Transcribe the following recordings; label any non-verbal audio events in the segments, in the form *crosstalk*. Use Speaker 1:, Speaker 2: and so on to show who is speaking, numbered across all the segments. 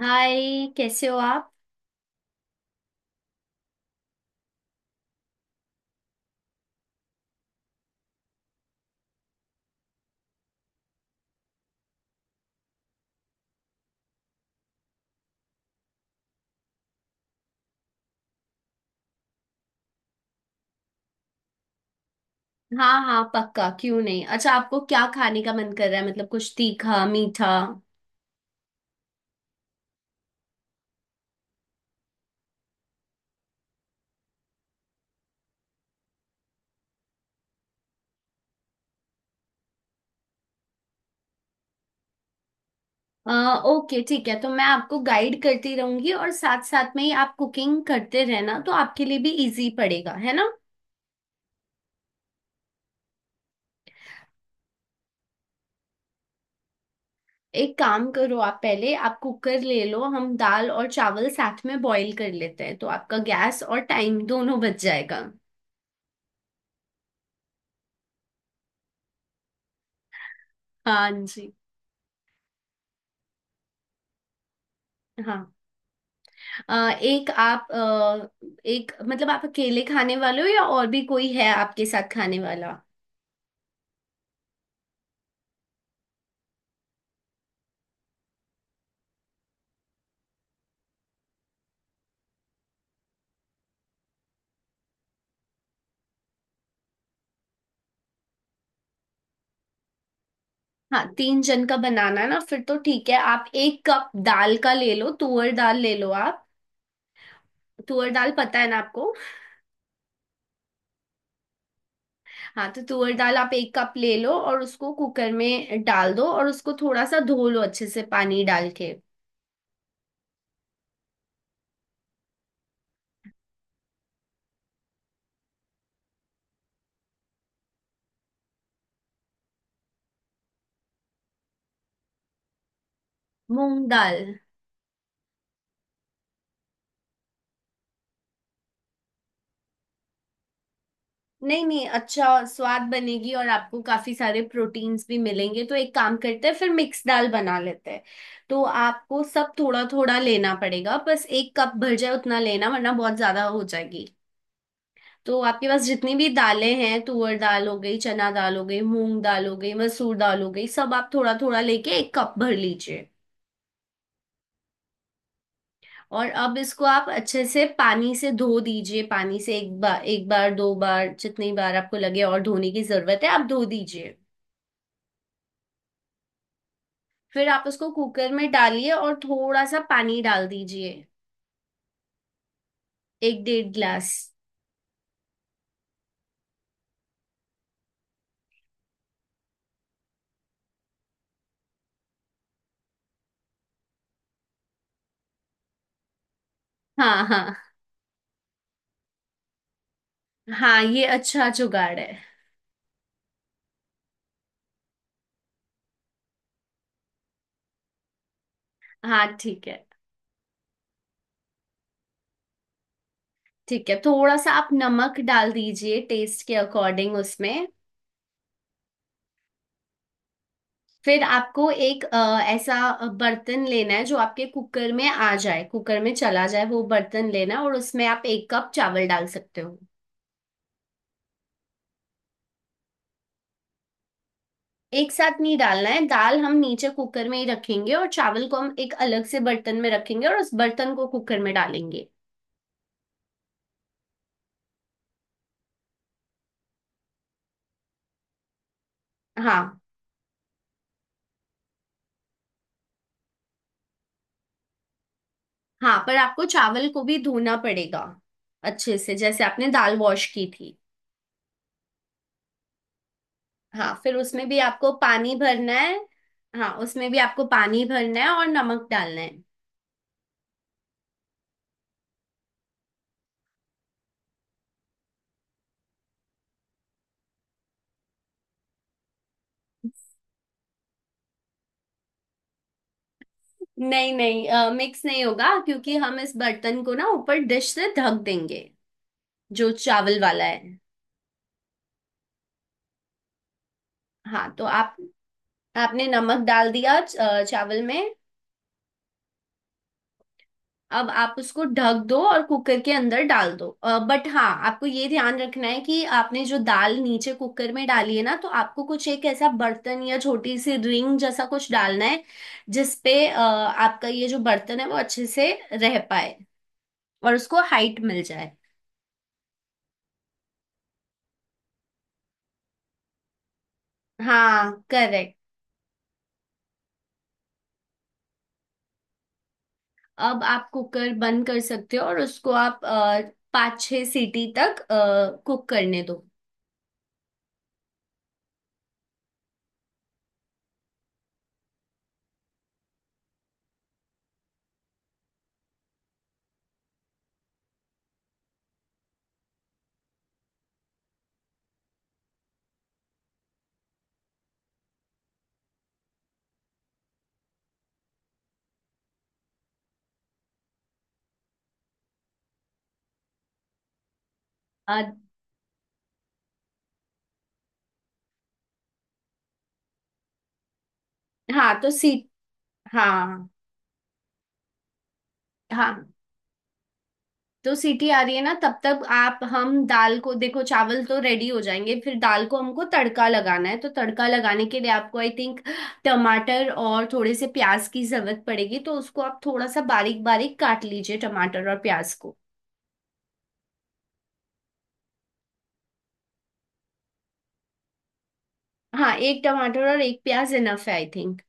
Speaker 1: हाय, कैसे हो आप। हाँ हाँ, पक्का क्यों नहीं। अच्छा, आपको क्या खाने का मन कर रहा है? मतलब कुछ तीखा मीठा। अ, ओके ठीक है, तो मैं आपको गाइड करती रहूंगी और साथ साथ में ही आप कुकिंग करते रहना, तो आपके लिए भी इजी पड़ेगा है ना। एक काम करो, आप पहले आप कुकर ले लो, हम दाल और चावल साथ में बॉईल कर लेते हैं, तो आपका गैस और टाइम दोनों बच जाएगा। हाँ जी। हाँ। अ, एक आप अ, एक मतलब आप अकेले खाने वाले हो या और भी कोई है आपके साथ खाने वाला? हाँ, तीन जन का बनाना है ना? फिर तो ठीक है, आप एक कप दाल का ले लो, तुअर दाल ले लो आप। तुअर दाल पता है ना आपको? हाँ, तो तुअर दाल आप एक कप ले लो और उसको कुकर में डाल दो और उसको थोड़ा सा धो लो अच्छे से पानी डाल के। मूंग दाल। नहीं नहीं, अच्छा स्वाद बनेगी और आपको काफी सारे प्रोटीन्स भी मिलेंगे, तो एक काम करते हैं, फिर मिक्स दाल बना लेते हैं। तो आपको सब थोड़ा थोड़ा लेना पड़ेगा, बस एक कप भर जाए उतना लेना, वरना बहुत ज्यादा हो जाएगी। तो आपके पास जितनी भी दालें हैं, तुअर दाल हो गई, चना दाल हो गई, मूंग दाल हो गई, मसूर दाल हो गई, सब आप थोड़ा थोड़ा लेके एक कप भर लीजिए। और अब इसको आप अच्छे से पानी से धो दीजिए, पानी से एक बार, एक बार, दो बार, जितनी बार आपको लगे और धोने की जरूरत है, आप धो दीजिए। फिर आप उसको कुकर में डालिए और थोड़ा सा पानी डाल दीजिए। एक डेढ़ गिलास। हाँ हाँ हाँ, ये अच्छा जुगाड़ है। हाँ ठीक है ठीक है, थोड़ा सा आप नमक डाल दीजिए टेस्ट के अकॉर्डिंग उसमें। फिर आपको एक ऐसा बर्तन लेना है जो आपके कुकर में आ जाए, कुकर में चला जाए, वो बर्तन लेना है, और उसमें आप एक कप चावल डाल सकते हो। एक साथ नहीं डालना है, दाल हम नीचे कुकर में ही रखेंगे और चावल को हम एक अलग से बर्तन में रखेंगे और उस बर्तन को कुकर में डालेंगे। हाँ हाँ, पर आपको चावल को भी धोना पड़ेगा अच्छे से, जैसे आपने दाल वॉश की थी। हाँ, फिर उसमें भी आपको पानी भरना है। हाँ, उसमें भी आपको पानी भरना है और नमक डालना है। नहीं नहीं, मिक्स नहीं होगा, क्योंकि हम इस बर्तन को ना ऊपर डिश से ढक देंगे। जो चावल वाला है। हाँ, तो आप। आपने नमक डाल दिया चावल में। अब आप उसको ढक दो और कुकर के अंदर डाल दो। बट हाँ, आपको ये ध्यान रखना है कि आपने जो दाल नीचे कुकर में डाली है ना, तो आपको कुछ एक ऐसा बर्तन या छोटी सी रिंग जैसा कुछ डालना है, जिसपे आपका ये जो बर्तन है वो अच्छे से रह पाए और उसको हाइट मिल जाए। हाँ करेक्ट। अब आप कुकर बंद कर सकते हो और उसको आप पाँच छः सीटी तक कुक करने दो। अ, हाँ तो सीट हाँ हाँ, तो सीटी आ रही है ना, तब तक आप हम दाल को देखो, चावल तो रेडी हो जाएंगे, फिर दाल को हमको तड़का लगाना है, तो तड़का लगाने के लिए आपको आई थिंक टमाटर और थोड़े से प्याज की जरूरत पड़ेगी, तो उसको आप थोड़ा सा बारीक बारीक काट लीजिए टमाटर और प्याज को। हाँ, एक टमाटर और एक प्याज इनफ है आई थिंक।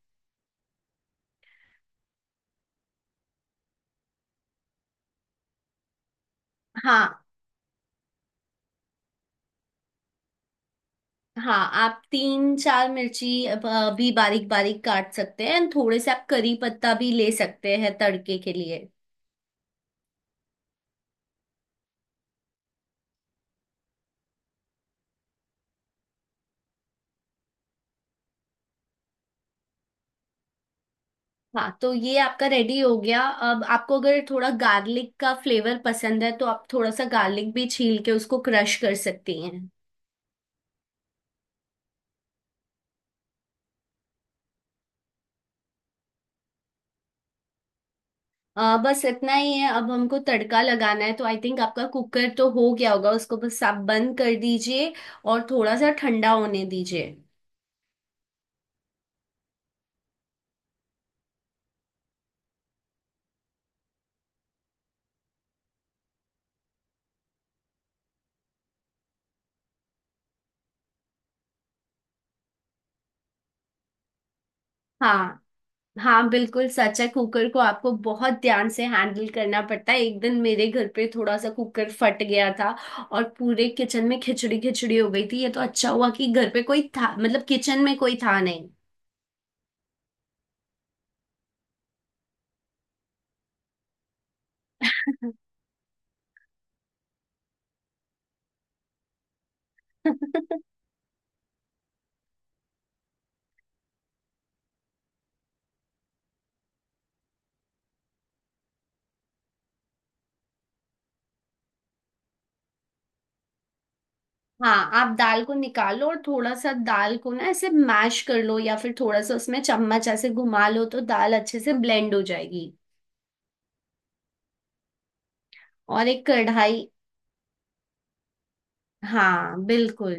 Speaker 1: हाँ हाँ, आप तीन चार मिर्ची भी बारीक बारीक काट सकते हैं, एंड थोड़े से आप करी पत्ता भी ले सकते हैं तड़के के लिए। हाँ, तो ये आपका रेडी हो गया। अब आपको अगर थोड़ा गार्लिक का फ्लेवर पसंद है, तो आप थोड़ा सा गार्लिक भी छील के उसको क्रश कर सकती हैं। बस इतना ही है। अब हमको तड़का लगाना है, तो आई थिंक आपका कुकर तो हो गया होगा, उसको बस आप बंद कर दीजिए और थोड़ा सा ठंडा होने दीजिए। हाँ हाँ, बिल्कुल सच है, कुकर को आपको बहुत ध्यान से हैंडल करना पड़ता है। एक दिन मेरे घर पे थोड़ा सा कुकर फट गया था और पूरे किचन में खिचड़ी खिचड़ी हो गई थी। ये तो अच्छा हुआ कि घर पे कोई था, मतलब किचन में कोई था नहीं। *laughs* हाँ, आप दाल को निकालो और थोड़ा सा दाल को ना ऐसे मैश कर लो, या फिर थोड़ा सा उसमें चम्मच ऐसे घुमा लो तो दाल अच्छे से ब्लेंड हो जाएगी। और एक कढ़ाई। हाँ बिल्कुल।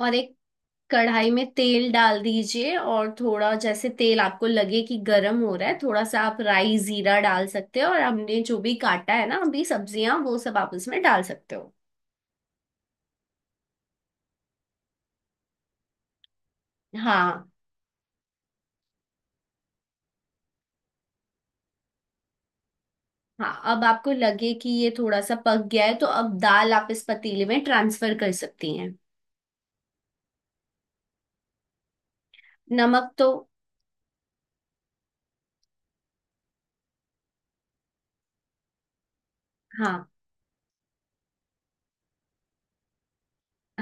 Speaker 1: और एक कढ़ाई में तेल डाल दीजिए, और थोड़ा जैसे तेल आपको लगे कि गर्म हो रहा है, थोड़ा सा आप राई जीरा डाल सकते हो, और हमने जो भी काटा है ना अभी सब्जियां वो सब आप उसमें डाल सकते हो। हाँ हाँ, अब आपको लगे कि ये थोड़ा सा पक गया है तो अब दाल आप इस पतीले में ट्रांसफर कर सकती हैं। नमक तो हाँ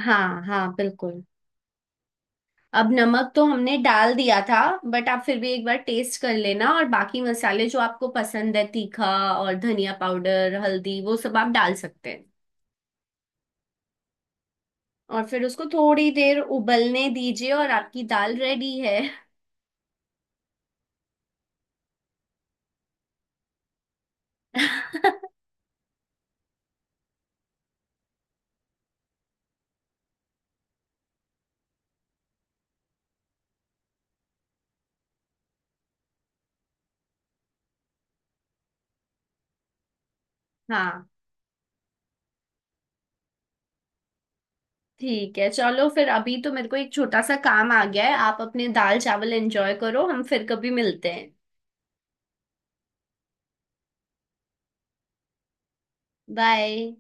Speaker 1: हाँ हाँ बिल्कुल। अब नमक तो हमने डाल दिया था, बट आप फिर भी एक बार टेस्ट कर लेना, और बाकी मसाले जो आपको पसंद है तीखा और धनिया पाउडर हल्दी वो सब आप डाल सकते हैं। और फिर उसको थोड़ी देर उबलने दीजिए और आपकी दाल रेडी है। *laughs* हाँ ठीक है, चलो फिर अभी तो मेरे को एक छोटा सा काम आ गया है, आप अपने दाल चावल एंजॉय करो, हम फिर कभी मिलते हैं। बाय।